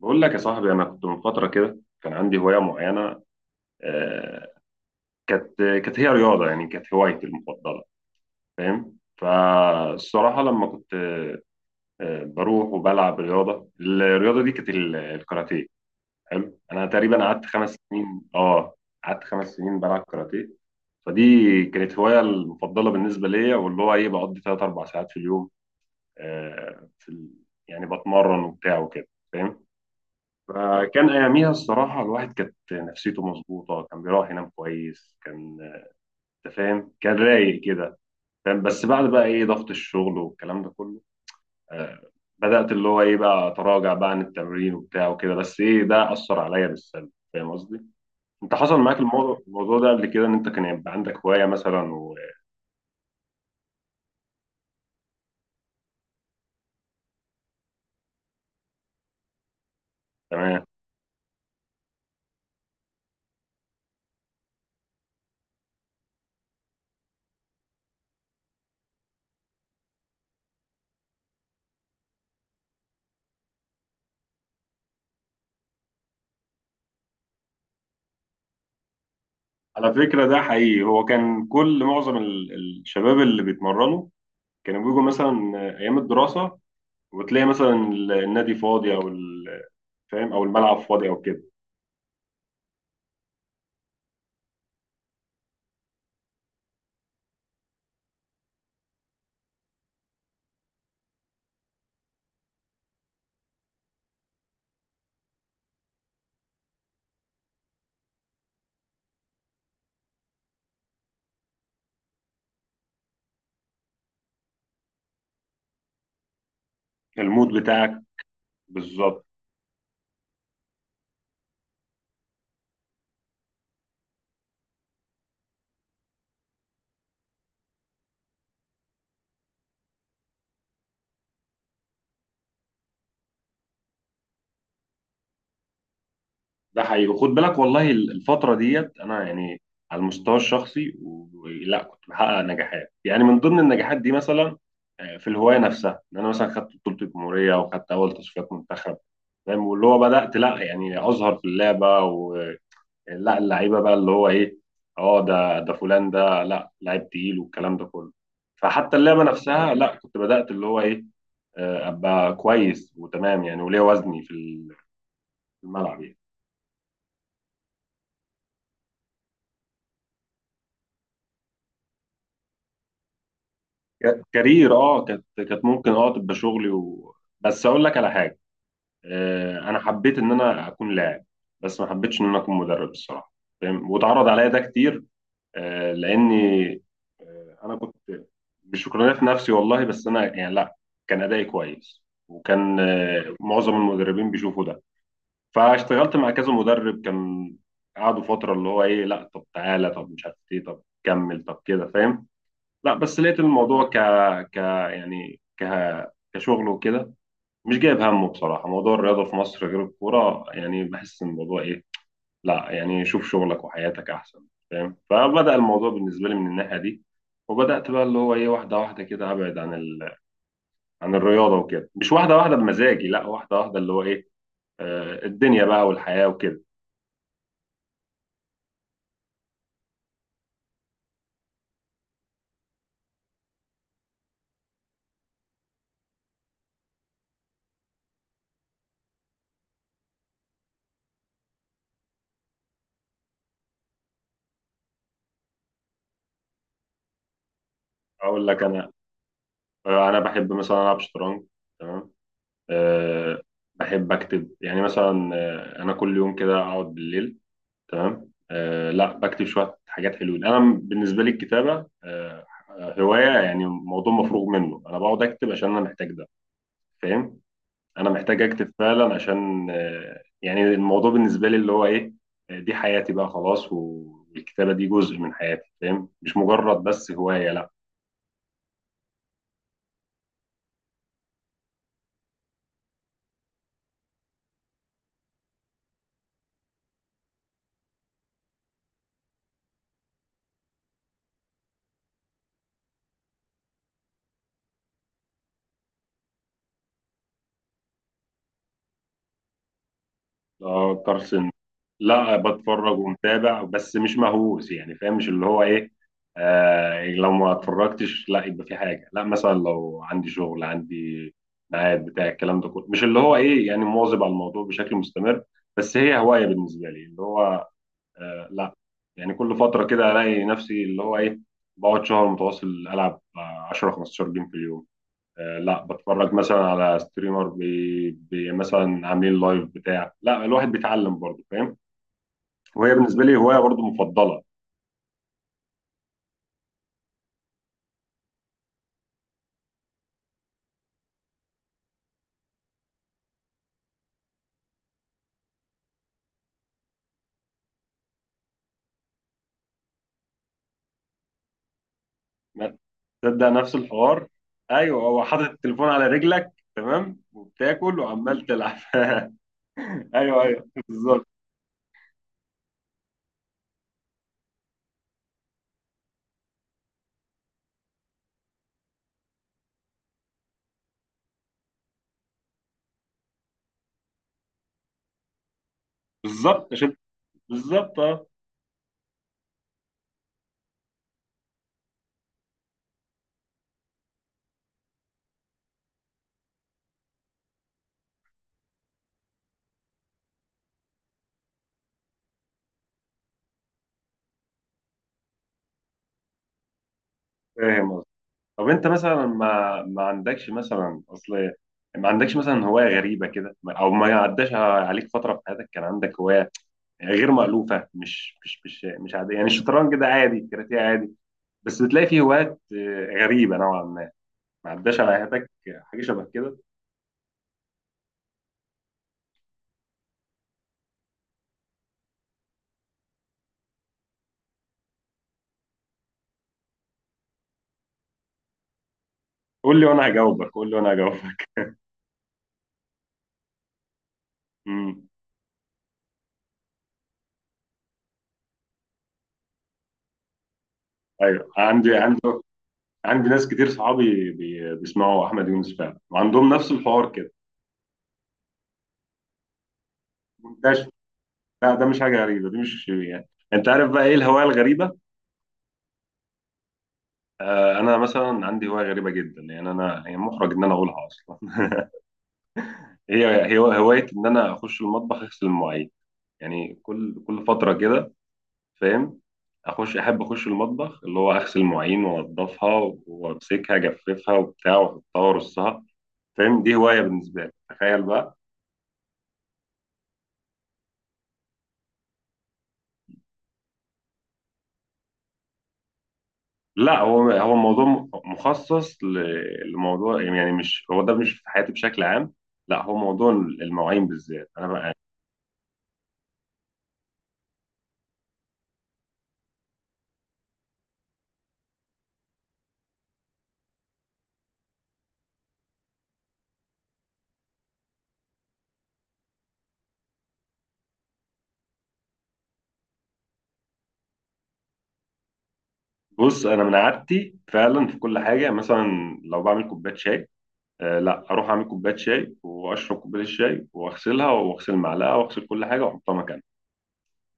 بقول لك يا صاحبي، انا كنت من فتره كده كان عندي هوايه معينه. آه، كانت هي رياضه، يعني كانت هوايتي المفضله. فاهم؟ فالصراحه لما كنت بروح وبلعب رياضه، الرياضه دي كانت الكاراتيه. حلو. انا تقريبا قعدت 5 سنين قعدت خمس سنين بلعب كاراتيه. فدي كانت هوايه المفضله بالنسبه ليا، واللي هو ايه، بقضي 3 4 ساعات في اليوم، آه، في ال- يعني بتمرن وبتاع وكده. فاهم؟ فكان اياميها الصراحه الواحد كانت نفسيته مظبوطه، كان بيروح ينام كويس، كان انت فاهم كان رايق كده. فاهم؟ بس بعد بقى ايه ضغط الشغل والكلام ده كله، آه بدات اللي هو ايه بقى اتراجع بقى عن التمرين وبتاع وكده. بس ايه، ده اثر عليا بالسلب. فاهم قصدي؟ انت حصل معاك الموضوع ده قبل كده، ان انت كان يبقى عندك هوايه مثلا؟ وتمام. على فكره ده حقيقي، هو كان كل معظم الشباب اللي بيتمرنوا كانوا بيجوا مثلا ايام الدراسه، وتلاقي مثلا النادي فاضي او فاهم، او الملعب فاضي او كده. المود بتاعك بالظبط. ده حقيقي، وخد بالك والله الفتره ديت انا يعني على المستوى الشخصي لا كنت بحقق نجاحات. يعني من ضمن النجاحات دي مثلا في الهوايه نفسها، ان انا مثلا خدت بطوله الجمهوريه وخدت اول تصفيات منتخب. فاهم؟ واللي هو بدات لا يعني اظهر في اللعبه. لا اللعيبه بقى اللي هو ايه، اه ده فلان ده لا لعيب تقيل والكلام ده كله. فحتى اللعبه نفسها لا كنت بدات اللي هو ايه ابقى كويس وتمام. يعني وليا وزني في في الملعب يعني. كارير، اه كانت ممكن اه تبقى شغلي و... بس اقول لك على حاجه. انا حبيت ان انا اكون لاعب، بس ما حبيتش ان انا اكون مدرب الصراحه. فاهم؟ واتعرض عليا ده كتير. آه، لاني آه، انا كنت مش شكرانه في نفسي والله، بس انا يعني لا، كان ادائي كويس وكان معظم المدربين بيشوفوا ده. فاشتغلت مع كذا مدرب. كان قعدوا فتره اللي هو ايه، لا طب تعالى، طب مش عارف ايه، طب كمل، طب كده فاهم. لا بس لقيت الموضوع ك ك يعني كشغل وكده. مش جايب همه. بصراحة موضوع الرياضة في مصر غير الكورة، يعني بحس إن الموضوع إيه، لا يعني شوف شغلك وحياتك أحسن. فاهم؟ فبدأ الموضوع بالنسبة لي من الناحية دي. وبدأت بقى اللي هو إيه واحدة واحدة كده أبعد عن عن الرياضة وكده. مش واحدة واحدة بمزاجي، لا واحدة واحدة اللي هو إيه، الدنيا بقى والحياة وكده. أقول لك أنا، أنا بحب مثلا ألعب شطرنج. تمام. آه بحب أكتب. يعني مثلا أنا كل يوم كده أقعد بالليل، تمام، لا بكتب شويه حاجات حلوين. انا بالنسبه لي الكتابه هوايه، يعني موضوع مفروغ منه. انا بقعد اكتب عشان انا محتاج ده. فاهم؟ انا محتاج اكتب فعلا، عشان يعني الموضوع بالنسبه لي اللي هو ايه، دي حياتي بقى خلاص، والكتابه دي جزء من حياتي. فاهم؟ مش مجرد بس هوايه. اه كارسن. لا بتفرج ومتابع، بس مش مهووس. يعني فاهم، مش اللي هو ايه. يعني لو ما اتفرجتش لا يبقى في حاجه. لا مثلا لو عندي شغل، عندي ميعاد بتاع الكلام ده كله. مش اللي هو ايه يعني مواظب على الموضوع بشكل مستمر. بس هي هوايه بالنسبه لي اللي هو لا، يعني كل فتره كده الاقي نفسي اللي هو ايه بقعد شهر متواصل العب 10 15 جيم في اليوم. لا بتفرج مثلا على ستريمر بي بي مثلا عاملين لايف بتاع. لا الواحد بيتعلم برضه. فاهم؟ وهي بالنسبه لي هوايه برضه مفضله. ما تبدا نفس الحوار. ايوه، هو حاطط التليفون على رجلك تمام وبتاكل وعمال تلعب ايوه، ايوه، بالظبط. بالظبط شفت. بالظبط اه. فاهم قصدي. طب انت مثلا ما عندكش مثلا اصل، ما عندكش مثلا هوايه غريبه كده؟ او ما عداش عليك فتره في حياتك كان عندك هوايه يعني غير مألوفة؟ مش عادية. يعني الشطرنج ده عادي، الكاراتيه عادي، بس بتلاقي فيه هوايات غريبة نوعا ما. ما عداش على حياتك حاجة شبه كده؟ قول لي وانا هجاوبك. قول لي وانا هجاوبك. امم ايوه عندي ناس كتير صحابي بيسمعوا احمد يونس فعلا، وعندهم نفس الحوار كده منتشر. لا ده مش حاجة غريبة. دي مش، يعني انت عارف بقى ايه الهواية الغريبة؟ انا مثلا عندي هواية غريبة جدا. يعني انا يعني محرج ان انا اقولها اصلا هي هواية ان انا اخش المطبخ اغسل المواعين. يعني كل فترة كده، فاهم، اخش، احب اخش المطبخ اللي هو اغسل المواعين وانضفها وامسكها اجففها وبتاع، واحطها وارصها. فاهم؟ دي هواية بالنسبة لي، تخيل بقى. لا هو الموضوع مخصص لموضوع يعني، مش هو ده مش في حياتي بشكل عام، لا هو موضوع المواعين بالذات انا بقى. بص، انا من عادتي فعلا في كل حاجة مثلا لو بعمل كوباية شاي، لا اروح اعمل كوبايه شاي واشرب كوبايه الشاي واغسلها واغسل المعلقه واغسل كل حاجه واحطها مكانها.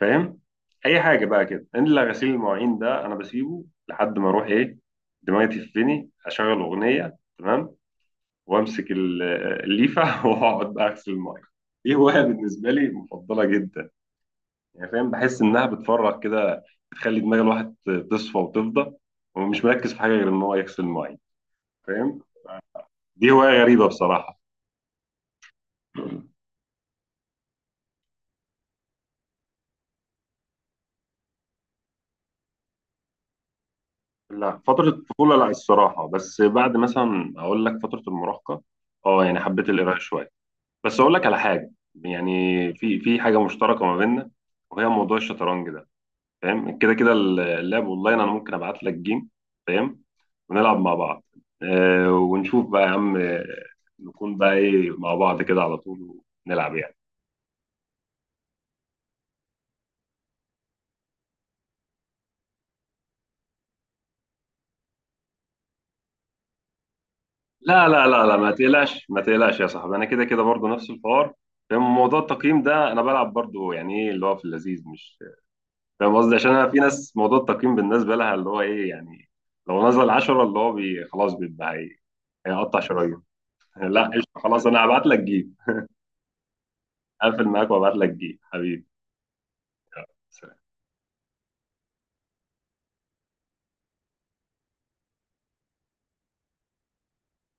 فاهم؟ اي حاجه بقى كده، الا غسيل المواعين ده انا بسيبه لحد ما اروح ايه، دماغي تفني، اشغل اغنيه تمام، وامسك الليفه واقعد بقى اغسل المواعين. دي هوايه بالنسبه لي مفضله جدا. يعني فاهم، بحس انها بتفرغ كده، بتخلي دماغ الواحد تصفى وتفضى، ومش مركز في حاجه غير ان هو يغسل المواعين. فاهم؟ دي هوايه غريبه بصراحه. لا فترة الطفولة لا الصراحة. بس بعد مثلا أقول لك فترة المراهقة، أه يعني حبيت القراءة شوية. بس أقول لك على حاجة، يعني في حاجة مشتركة ما بيننا، وهي موضوع الشطرنج ده. فاهم؟ كده كده اللعب أونلاين. أنا ممكن أبعت لك جيم، فاهم، ونلعب مع بعض. أه ونشوف بقى يا عم، نكون بقى إيه مع بعض كده على طول ونلعب يعني. لا لا لا لا، ما تقلقش ما تقلقش يا صاحبي. أنا كده كده برضه نفس الحوار. فاهم؟ موضوع التقييم ده أنا بلعب برضه، يعني إيه اللي هو في اللذيذ مش، فاهم قصدي؟ عشان انا في ناس موضوع التقييم بالنسبه لها اللي هو ايه، يعني لو نزل 10 اللي هو بي خلاص بيبقى هي- هيقطع شرايين. لا قشطه، خلاص انا هبعت لك جيب. اقفل معاك وابعت لك جيب حبيبي.